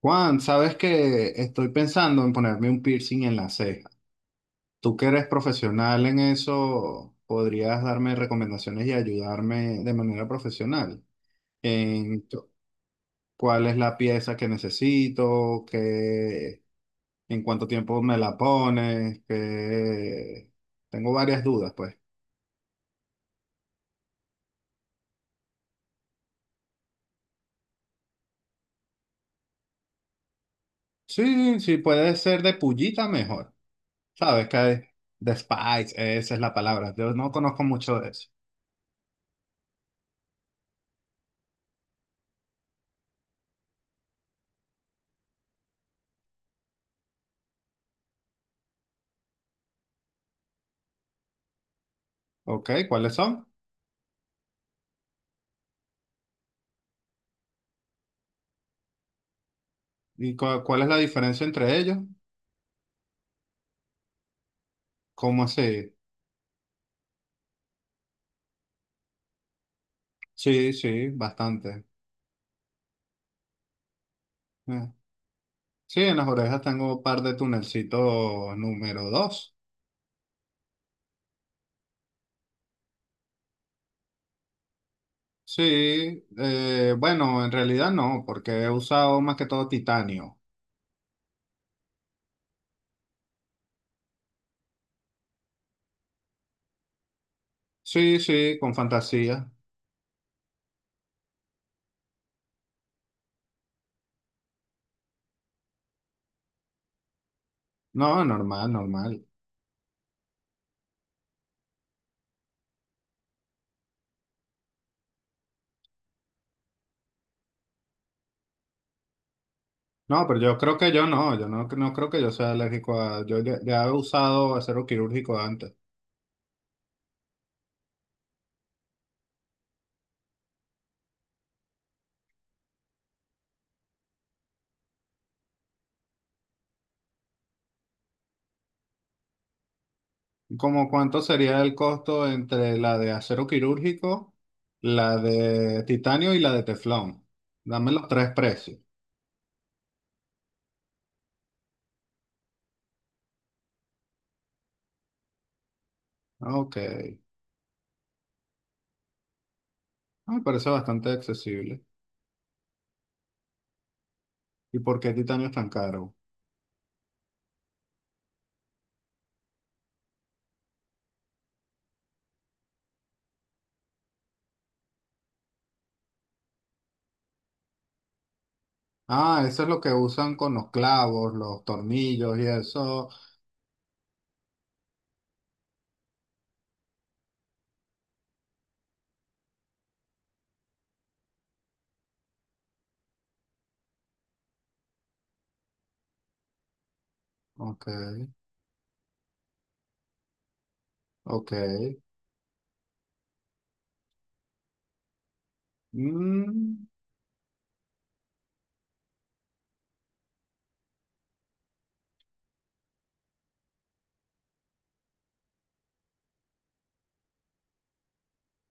Juan, sabes que estoy pensando en ponerme un piercing en la ceja. Tú que eres profesional en eso, podrías darme recomendaciones y ayudarme de manera profesional en t- cuál es la pieza que necesito, qué, en cuánto tiempo me la pones, que tengo varias dudas, pues. Sí, sí, puede ser de pullita mejor. Sabes que de Spice, esa es la palabra. Yo no conozco mucho de eso. Ok, ¿cuáles son? ¿Y cuál es la diferencia entre ellos? ¿Cómo así? Sí, sí, bastante. Eh, Sí, en las orejas tengo un par de tunelcitos número 2. Sí, bueno, en realidad no, porque he usado más que todo titanio. Sí, sí, con fantasía. No, normal, normal. No, pero yo creo que yo no, yo no, no creo que yo sea alérgico a... Yo ya he usado acero quirúrgico antes. ¿Cómo cuánto sería el costo entre la de acero quirúrgico, la de titanio y la de teflón? Dame los tres precios. Ok. Ah, me parece bastante accesible. ¿Y por qué titanio es tan caro? Ah, eso es lo que usan con los clavos, los tornillos y eso. Ok, ok. Mm,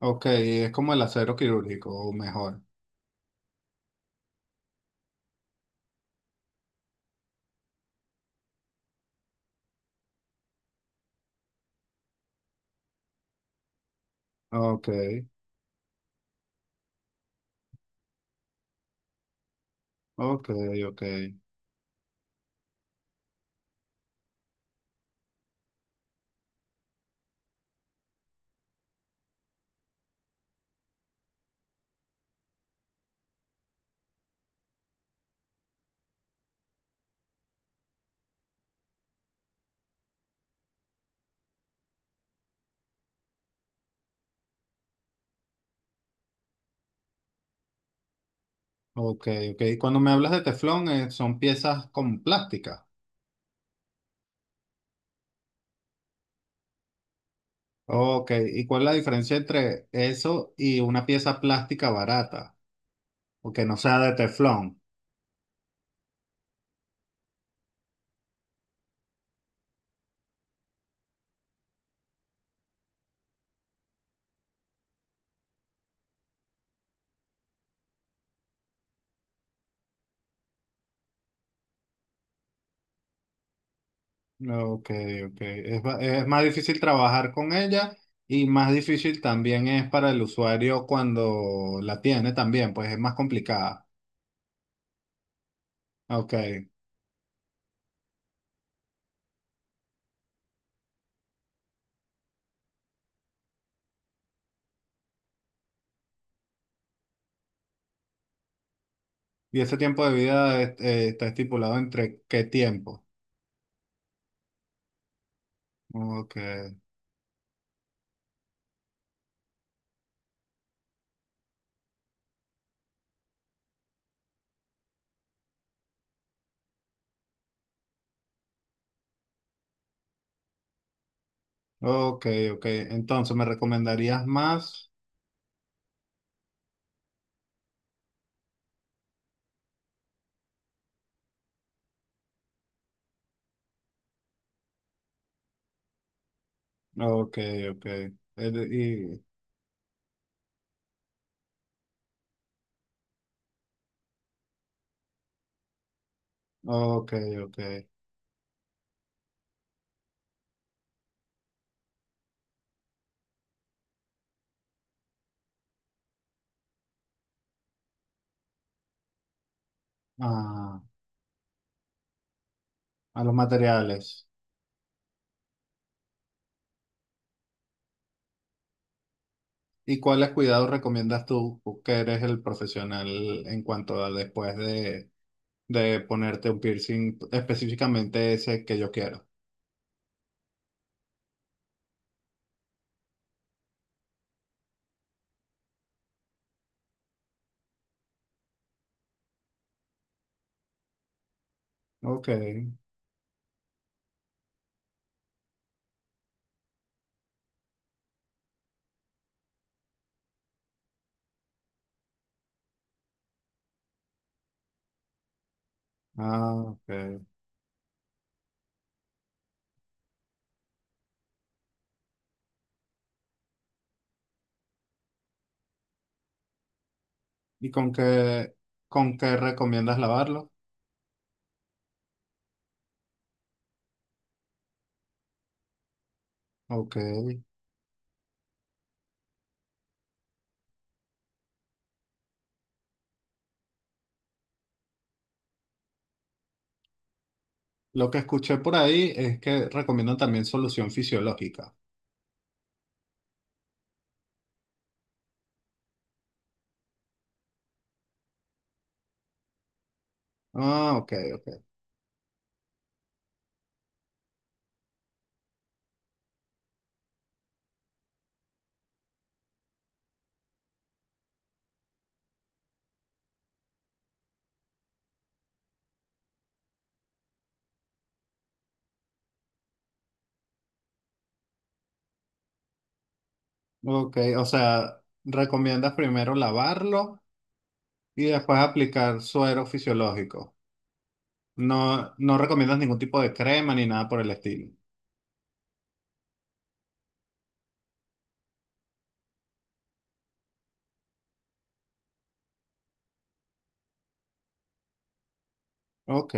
ok, es como el acero quirúrgico, o mejor. Ok, ok, ok. Ok, ok. Cuando me hablas de teflón, son piezas con plástica. Ok, ¿y cuál es la diferencia entre eso y una pieza plástica barata? O que no sea de teflón. Ok, ok. Es más difícil trabajar con ella y más difícil también es para el usuario cuando la tiene también, pues es más complicada. Ok. ¿Y ese tiempo de vida está estipulado entre qué tiempo? Ok, ok, ok. Entonces, ¿me recomendarías más? Ok, ok. El- y, ok, ok. Ah, a los materiales. ¿Y cuáles cuidados recomiendas tú, que eres el profesional en cuanto a después de ponerte un piercing, específicamente ese que yo quiero? Ok, ah, ok. ¿Y con qué recomiendas lavarlo? Ok. Lo que escuché por ahí es que recomiendan también solución fisiológica. Ah, ok, ok. Ok, o sea, recomiendas primero lavarlo y después aplicar suero fisiológico. No, no recomiendas ningún tipo de crema ni nada por el estilo. Ok,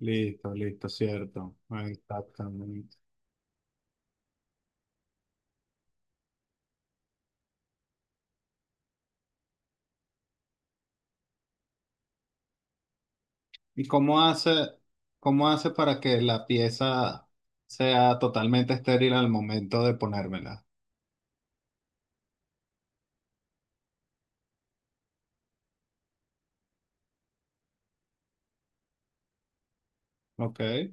listo, listo, cierto. Exactamente. ¿Y cómo hace para que la pieza sea totalmente estéril al momento de ponérmela? Ok.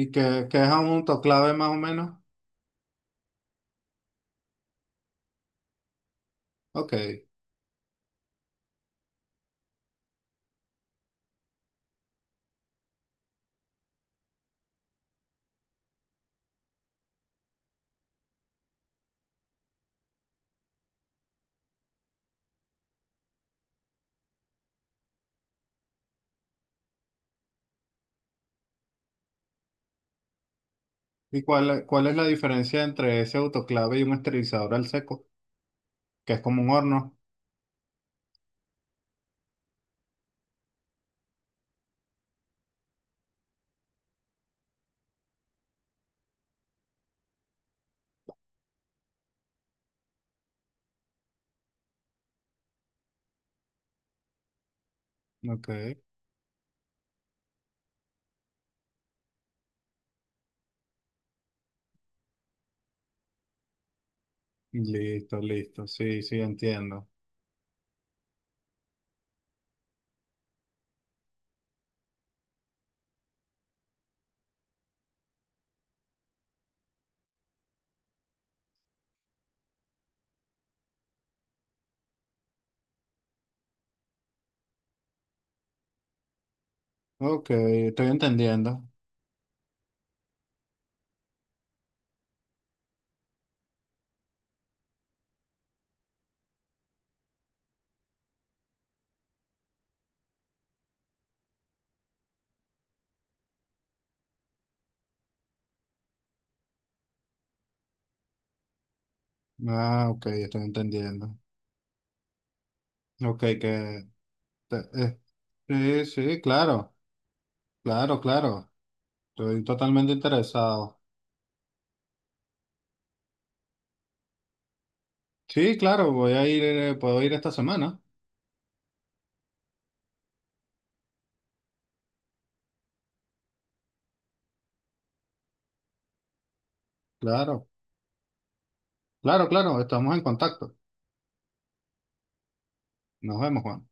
¿Y qué es un autoclave más o menos? Ok. ¿Y cuál es la diferencia entre ese autoclave y un esterilizador al seco? Que es como un horno. Ok. Listo, listo. Sí, sí, entiendo. Ok, estoy entendiendo. Ah, ok, estoy entendiendo. Ok, te- eh, sí, sí, claro, claro, claro. Estoy totalmente interesado. Sí, claro, voy a ir, puedo ir esta semana. Claro, claro, claro, estamos en contacto. Nos vemos, Juan.